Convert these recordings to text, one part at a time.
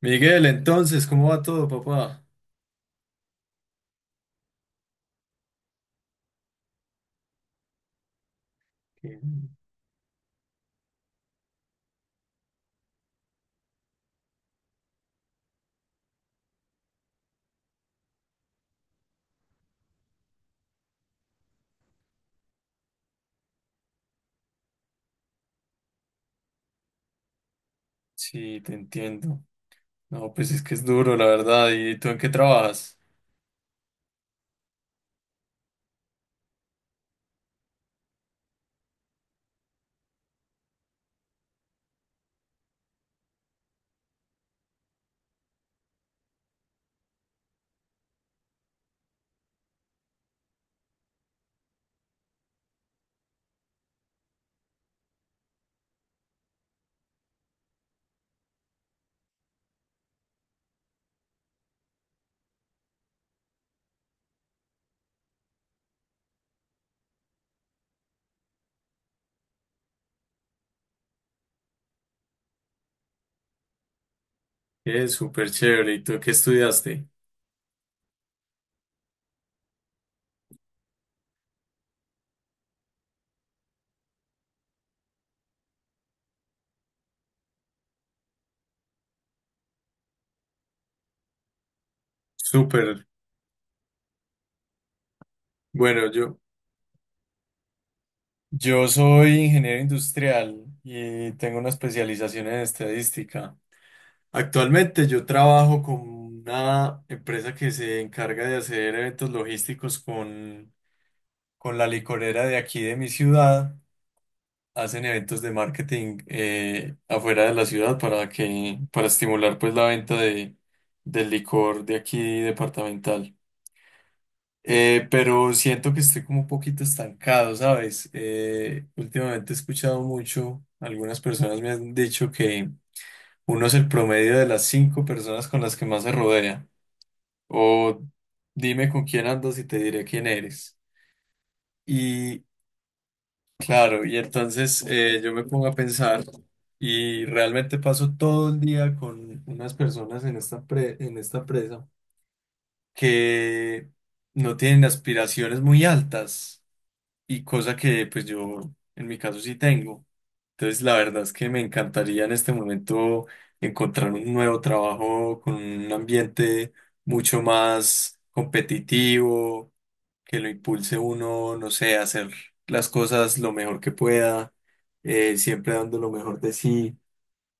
Miguel, entonces, ¿cómo va todo, papá? Que- Sí, te entiendo. No, pues es que es duro, la verdad. ¿Y tú en qué trabajas? Es súper chévere. ¿Y tú qué estudiaste? Súper. Bueno, yo, yo soy ingeniero industrial y tengo una especialización en estadística. Actualmente yo trabajo con una empresa que se encarga de hacer eventos logísticos con la licorera de aquí de mi ciudad. Hacen eventos de marketing afuera de la ciudad para estimular pues la venta del licor de aquí departamental. Pero siento que estoy como un poquito estancado, ¿sabes? Últimamente he escuchado mucho, algunas personas me han dicho que uno es el promedio de las cinco personas con las que más se rodea. O dime con quién andas y te diré quién eres. Claro, y entonces yo me pongo a pensar y realmente paso todo el día con unas personas en en esta presa que no tienen aspiraciones muy altas y cosa que pues yo en mi caso sí tengo. Entonces la verdad es que me encantaría en este momento encontrar un nuevo trabajo con un ambiente mucho más competitivo que lo impulse uno, no sé, a hacer las cosas lo mejor que pueda, siempre dando lo mejor de sí.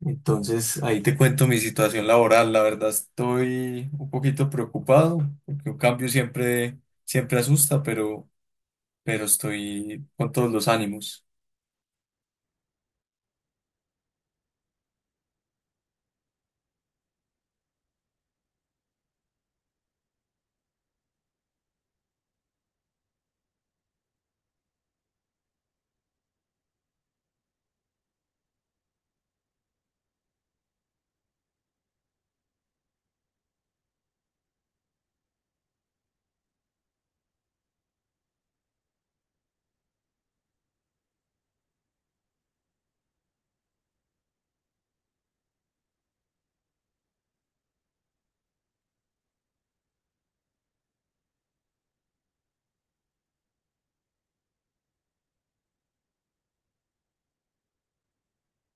Entonces, ahí te cuento mi situación laboral. La verdad estoy un poquito preocupado, porque un cambio siempre asusta, pero estoy con todos los ánimos.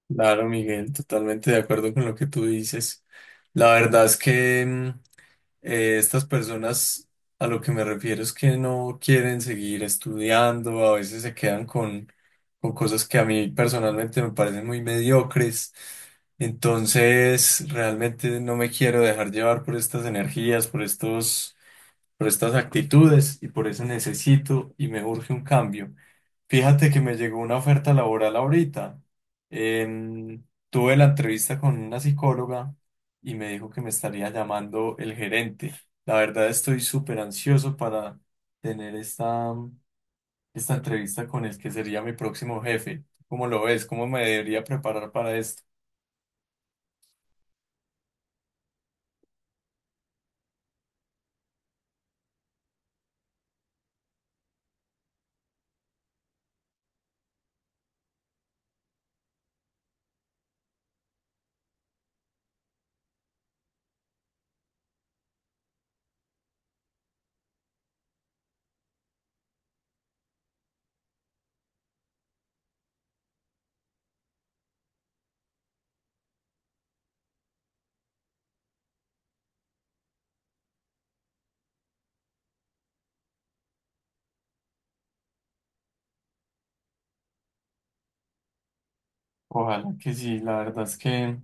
Claro, Miguel, totalmente de acuerdo con lo que tú dices. La verdad es que... mm, estas personas a lo que me refiero es que no quieren seguir estudiando, a veces se quedan con cosas que a mí personalmente me parecen muy mediocres. Entonces, realmente no me quiero dejar llevar por estas energías, por estas actitudes y por eso necesito y me urge un cambio. Fíjate que me llegó una oferta laboral ahorita. Em, Tuve la entrevista con una psicóloga y me dijo que me estaría llamando el gerente. La verdad estoy súper ansioso para tener esta entrevista con el que sería mi próximo jefe. ¿Cómo lo ves? ¿Cómo me debería preparar para esto? Ojalá que sí, la verdad es que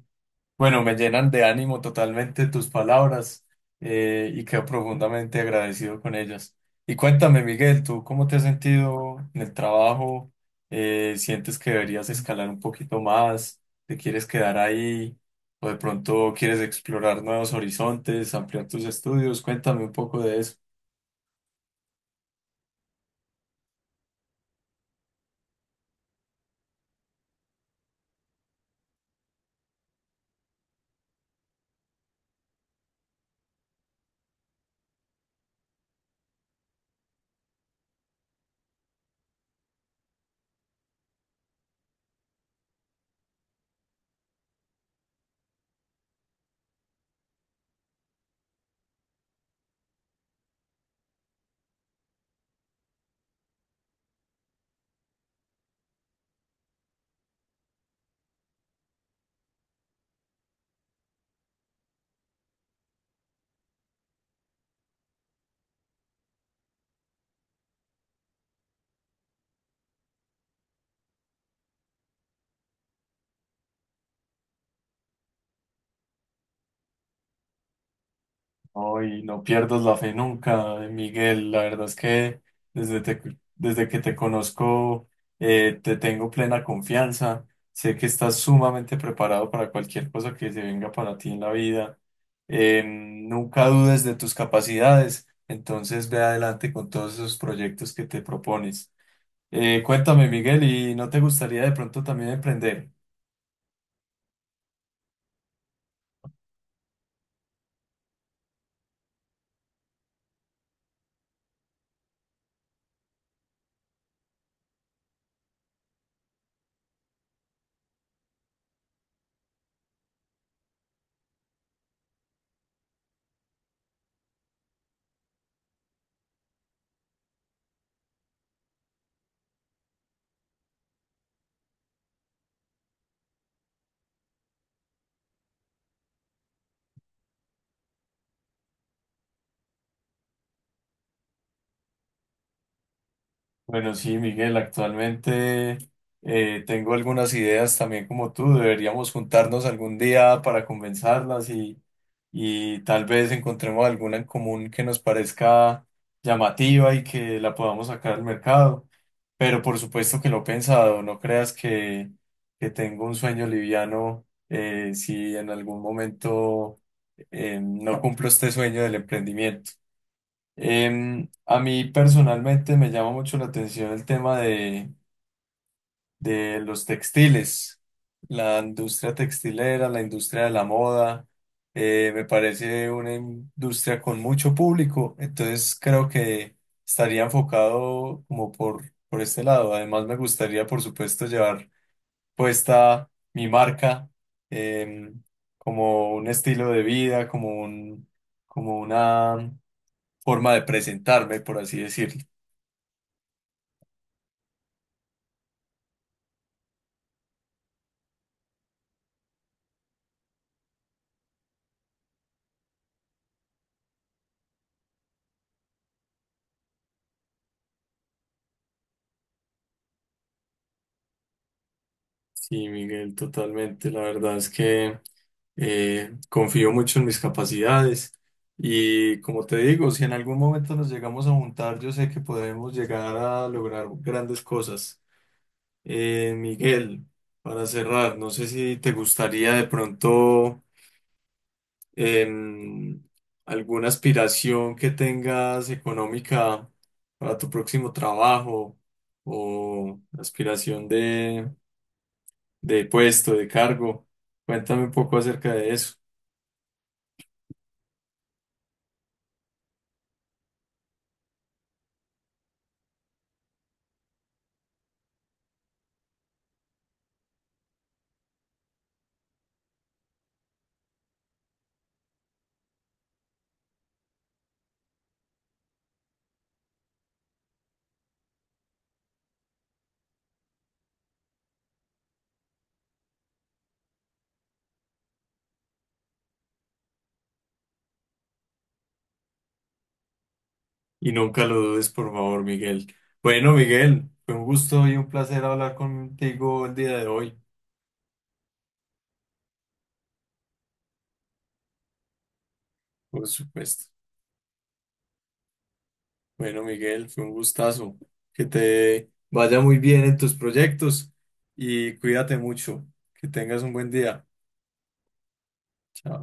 bueno, me llenan de ánimo totalmente tus palabras y quedo profundamente agradecido con ellas. Y cuéntame, Miguel, ¿tú cómo te has sentido en el trabajo? ¿Sientes que deberías escalar un poquito más? ¿Te quieres quedar ahí? ¿O de pronto quieres explorar nuevos horizontes, ampliar tus estudios? Cuéntame un poco de eso. Ay, no pierdas la fe nunca, Miguel. La verdad es que desde, te- desde que te conozco te tengo plena confianza. Sé que estás sumamente preparado para cualquier cosa que se venga para ti en la vida. Nunca dudes de tus capacidades. Entonces ve adelante con todos esos proyectos que te propones. Cuéntame, Miguel, ¿y no te gustaría de pronto también emprender? Bueno, sí, Miguel, actualmente tengo algunas ideas también como tú. Deberíamos juntarnos algún día para conversarlas y tal vez encontremos alguna en común que nos parezca llamativa y que la podamos sacar al mercado. Pero por supuesto que lo he pensado, no creas que tengo un sueño liviano si en algún momento no cumplo este sueño del emprendimiento. A mí personalmente me llama mucho la atención el tema de los textiles, la industria textilera, la industria de la moda, me parece una industria con mucho público, entonces creo que estaría enfocado como por este lado. Además me gustaría, por supuesto, llevar puesta mi marca, em, como un estilo de vida, como una forma de presentarme, por así decirlo. Sí, Miguel, totalmente. La verdad es que confío mucho en mis capacidades y como te digo, si en algún momento nos llegamos a juntar, yo sé que podemos llegar a lograr grandes cosas. Miguel, para cerrar, no sé si te gustaría de pronto em, alguna aspiración que tengas económica para tu próximo trabajo o aspiración de puesto, de cargo. Cuéntame un poco acerca de eso y nunca lo dudes, por favor, Miguel. Bueno, Miguel, fue un gusto y un placer hablar contigo el día de hoy, por supuesto. Bueno, Miguel, fue un gustazo. Que te vaya muy bien en tus proyectos y cuídate mucho. Que tengas un buen día. Chao.